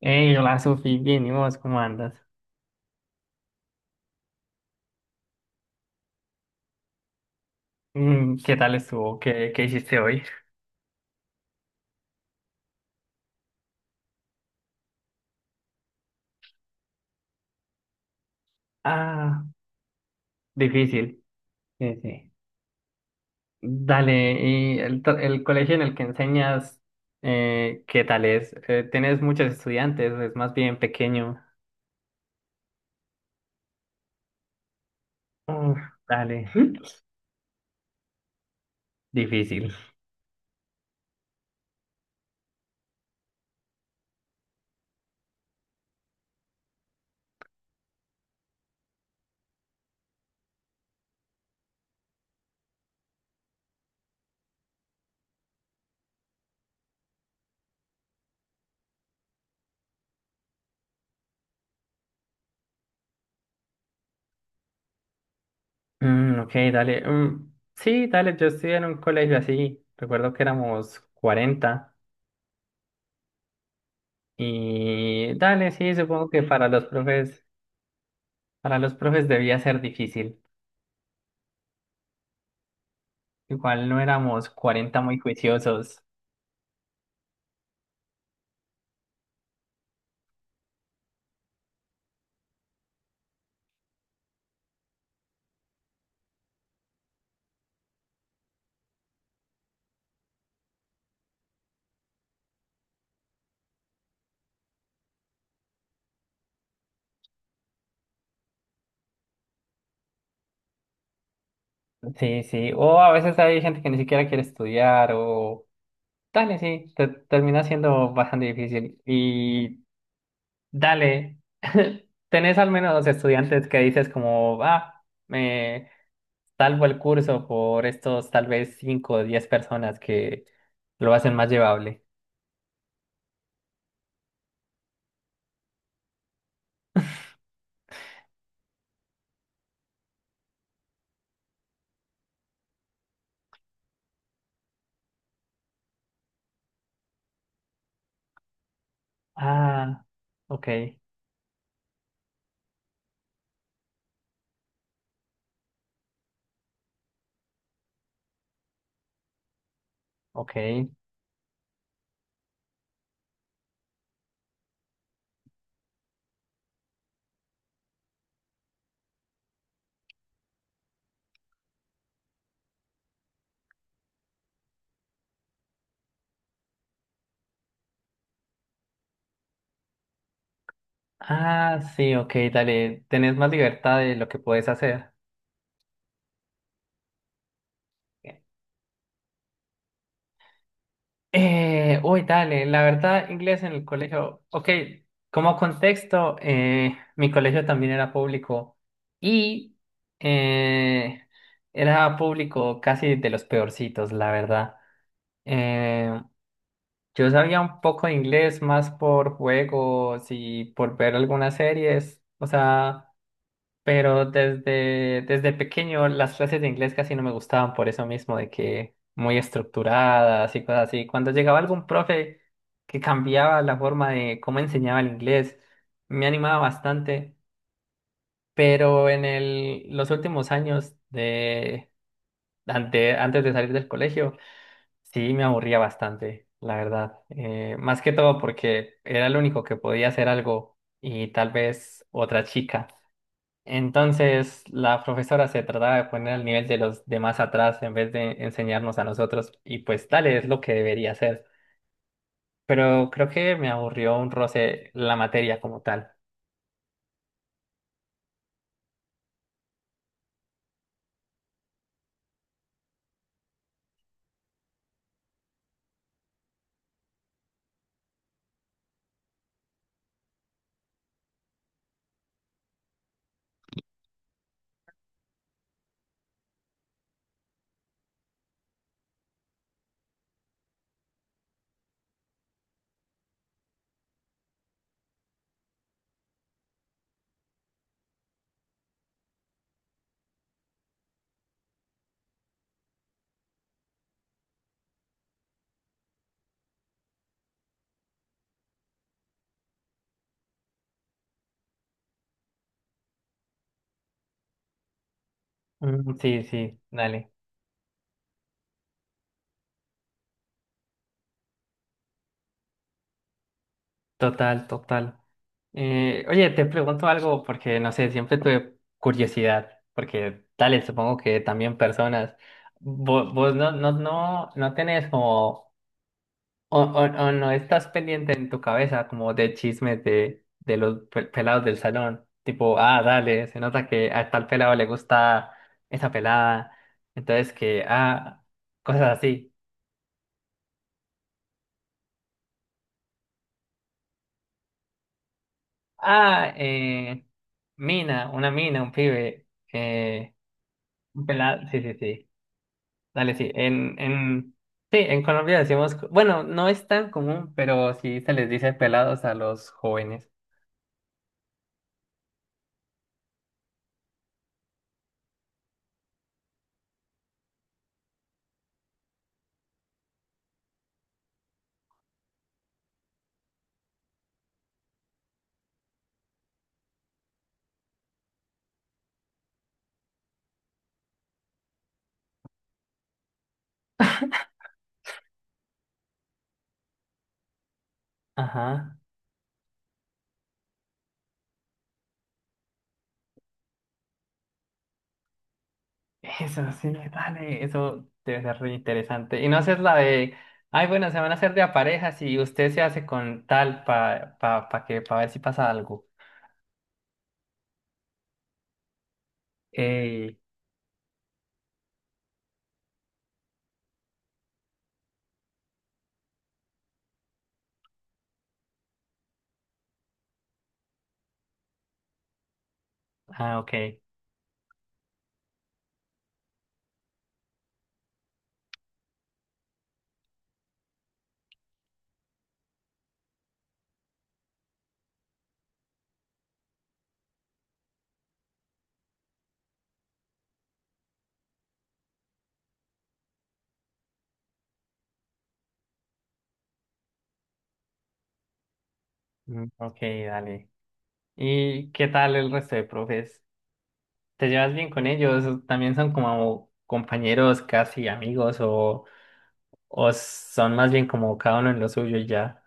Hey, hola Sofi, bien, ¿y vos cómo andas? Mm, ¿qué tal estuvo? ¿¿Qué hiciste hoy? Ah, difícil. Sí, sí. Dale, ¿y el colegio en el que enseñas, qué tal es? ¿Tienes muchos estudiantes? ¿Es más bien pequeño? Uf, dale, difícil. Mm, ok, dale. Mm, sí, dale, yo estudié en un colegio así. Recuerdo que éramos 40. Y dale, sí, supongo que para los profes debía ser difícil. Igual no éramos 40 muy juiciosos. Sí, sí. O a veces hay gente que ni siquiera quiere estudiar o Dale, sí, termina siendo bastante difícil. Y dale, tenés al menos dos estudiantes que dices como, ah, me salvo el curso por estos tal vez 5 o 10 personas que lo hacen más llevable. Ah, ok, ok. Ah, sí, ok, dale, tenés más libertad de lo que puedes hacer. Uy, dale, la verdad, inglés en el colegio, ok, como contexto, mi colegio también era público y eh, era público casi de los peorcitos, la verdad. Eh, yo sabía un poco de inglés más por juegos y por ver algunas series, o sea, pero desde pequeño las clases de inglés casi no me gustaban por eso mismo, de que muy estructuradas y cosas así. Cuando llegaba algún profe que cambiaba la forma de cómo enseñaba el inglés, me animaba bastante. Pero en los últimos años de, antes de salir del colegio, sí me aburría bastante, la verdad. Más que todo porque era el único que podía hacer algo y tal vez otra chica. Entonces, la profesora se trataba de poner al nivel de los demás atrás en vez de enseñarnos a nosotros, y pues tal es lo que debería hacer. Pero creo que me aburrió un roce la materia como tal. Mm, sí, sí, dale. Total, total. Oye, te pregunto algo porque no sé, siempre tuve curiosidad, porque tal, supongo que también personas. Vos no tenés como o no estás pendiente en tu cabeza como de chismes de los pelados del salón. Tipo, ah, dale, se nota que a tal pelado le gusta esa pelada. Entonces que, ah, cosas así. Ah, mina, una mina, un pibe. Eh, un pelado, sí, sí, sí. Dale, sí. Sí, en Colombia decimos, bueno, no es tan común, pero sí se les dice pelados a los jóvenes. Ajá. Eso sí, dale, eso debe ser re interesante. Y no haces la de, ay, bueno, se van a hacer de a parejas y usted se hace con tal para pa, pa pa que, para ver si pasa algo. Ey, ah, ok, mm, ok, dale. ¿Y qué tal el resto de profes? ¿Te llevas bien con ellos? ¿También son como compañeros, casi amigos o son más bien como cada uno en lo suyo y ya?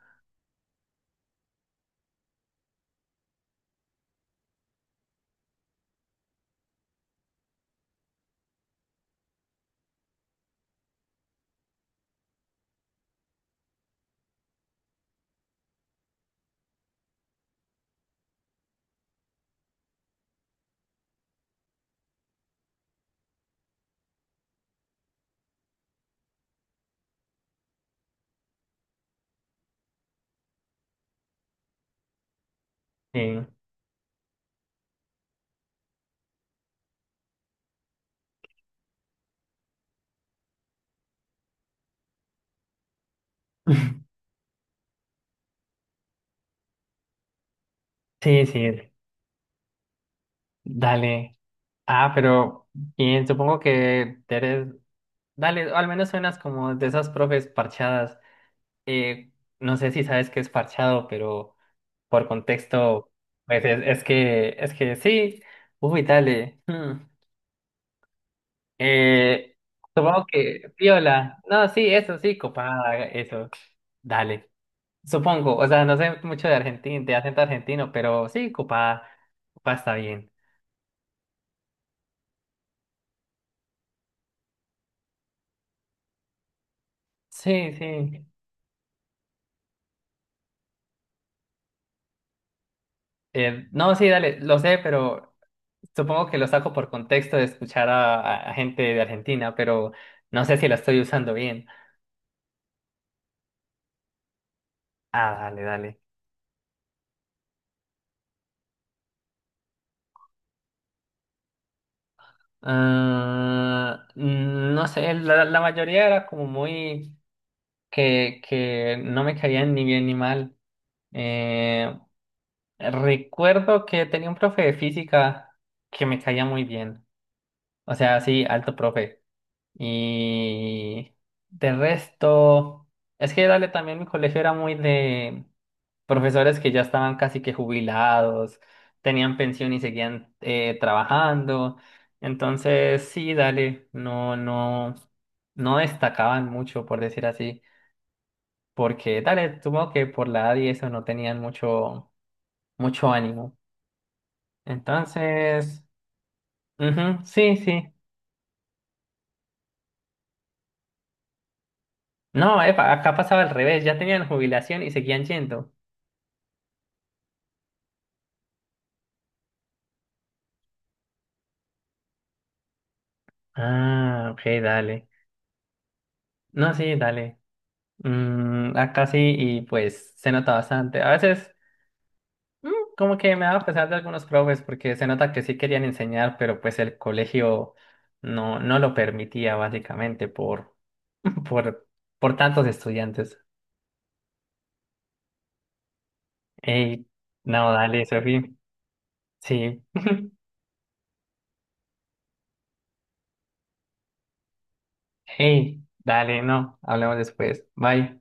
Sí, sí, sí, dale. Ah, pero y supongo que eres dale, al menos suenas como de esas profes parchadas. Eh, no sé si sabes qué es parchado, pero por contexto, pues es, es que sí. Uy, dale. Hmm. Eh, supongo que piola. No, sí, eso sí, copada, eso. Dale. Supongo, o sea, no sé mucho de argentino, de acento argentino, pero sí, copada, copada está bien. Sí, sí. No, sí, dale, lo sé, pero supongo que lo saco por contexto de escuchar a, a gente de Argentina, pero no sé si la estoy usando bien. Ah, dale, dale. Ah, mm, no sé, la mayoría era como muy que no me caían ni bien ni mal. Eh, recuerdo que tenía un profe de física que me caía muy bien. O sea, sí, alto profe. Y de resto, es que dale, también mi colegio era muy de profesores que ya estaban casi que jubilados, tenían pensión y seguían trabajando. Entonces, sí, dale, no destacaban mucho, por decir así, porque dale, supongo que por la edad y eso no tenían mucho, mucho ánimo. Entonces, ujú, sí, sí. No, epa, acá pasaba al revés, ya tenían jubilación y seguían yendo. Ah, ok, dale. No, sí, dale. Mm, acá sí, y pues se nota bastante. A veces. Mm, como que me daba pesar de algunos profes porque se nota que sí querían enseñar, pero pues el colegio no lo permitía básicamente por, por, por tantos estudiantes. Ey, no, dale, Sofi. Sí. Ey, dale, no, hablamos después. Bye.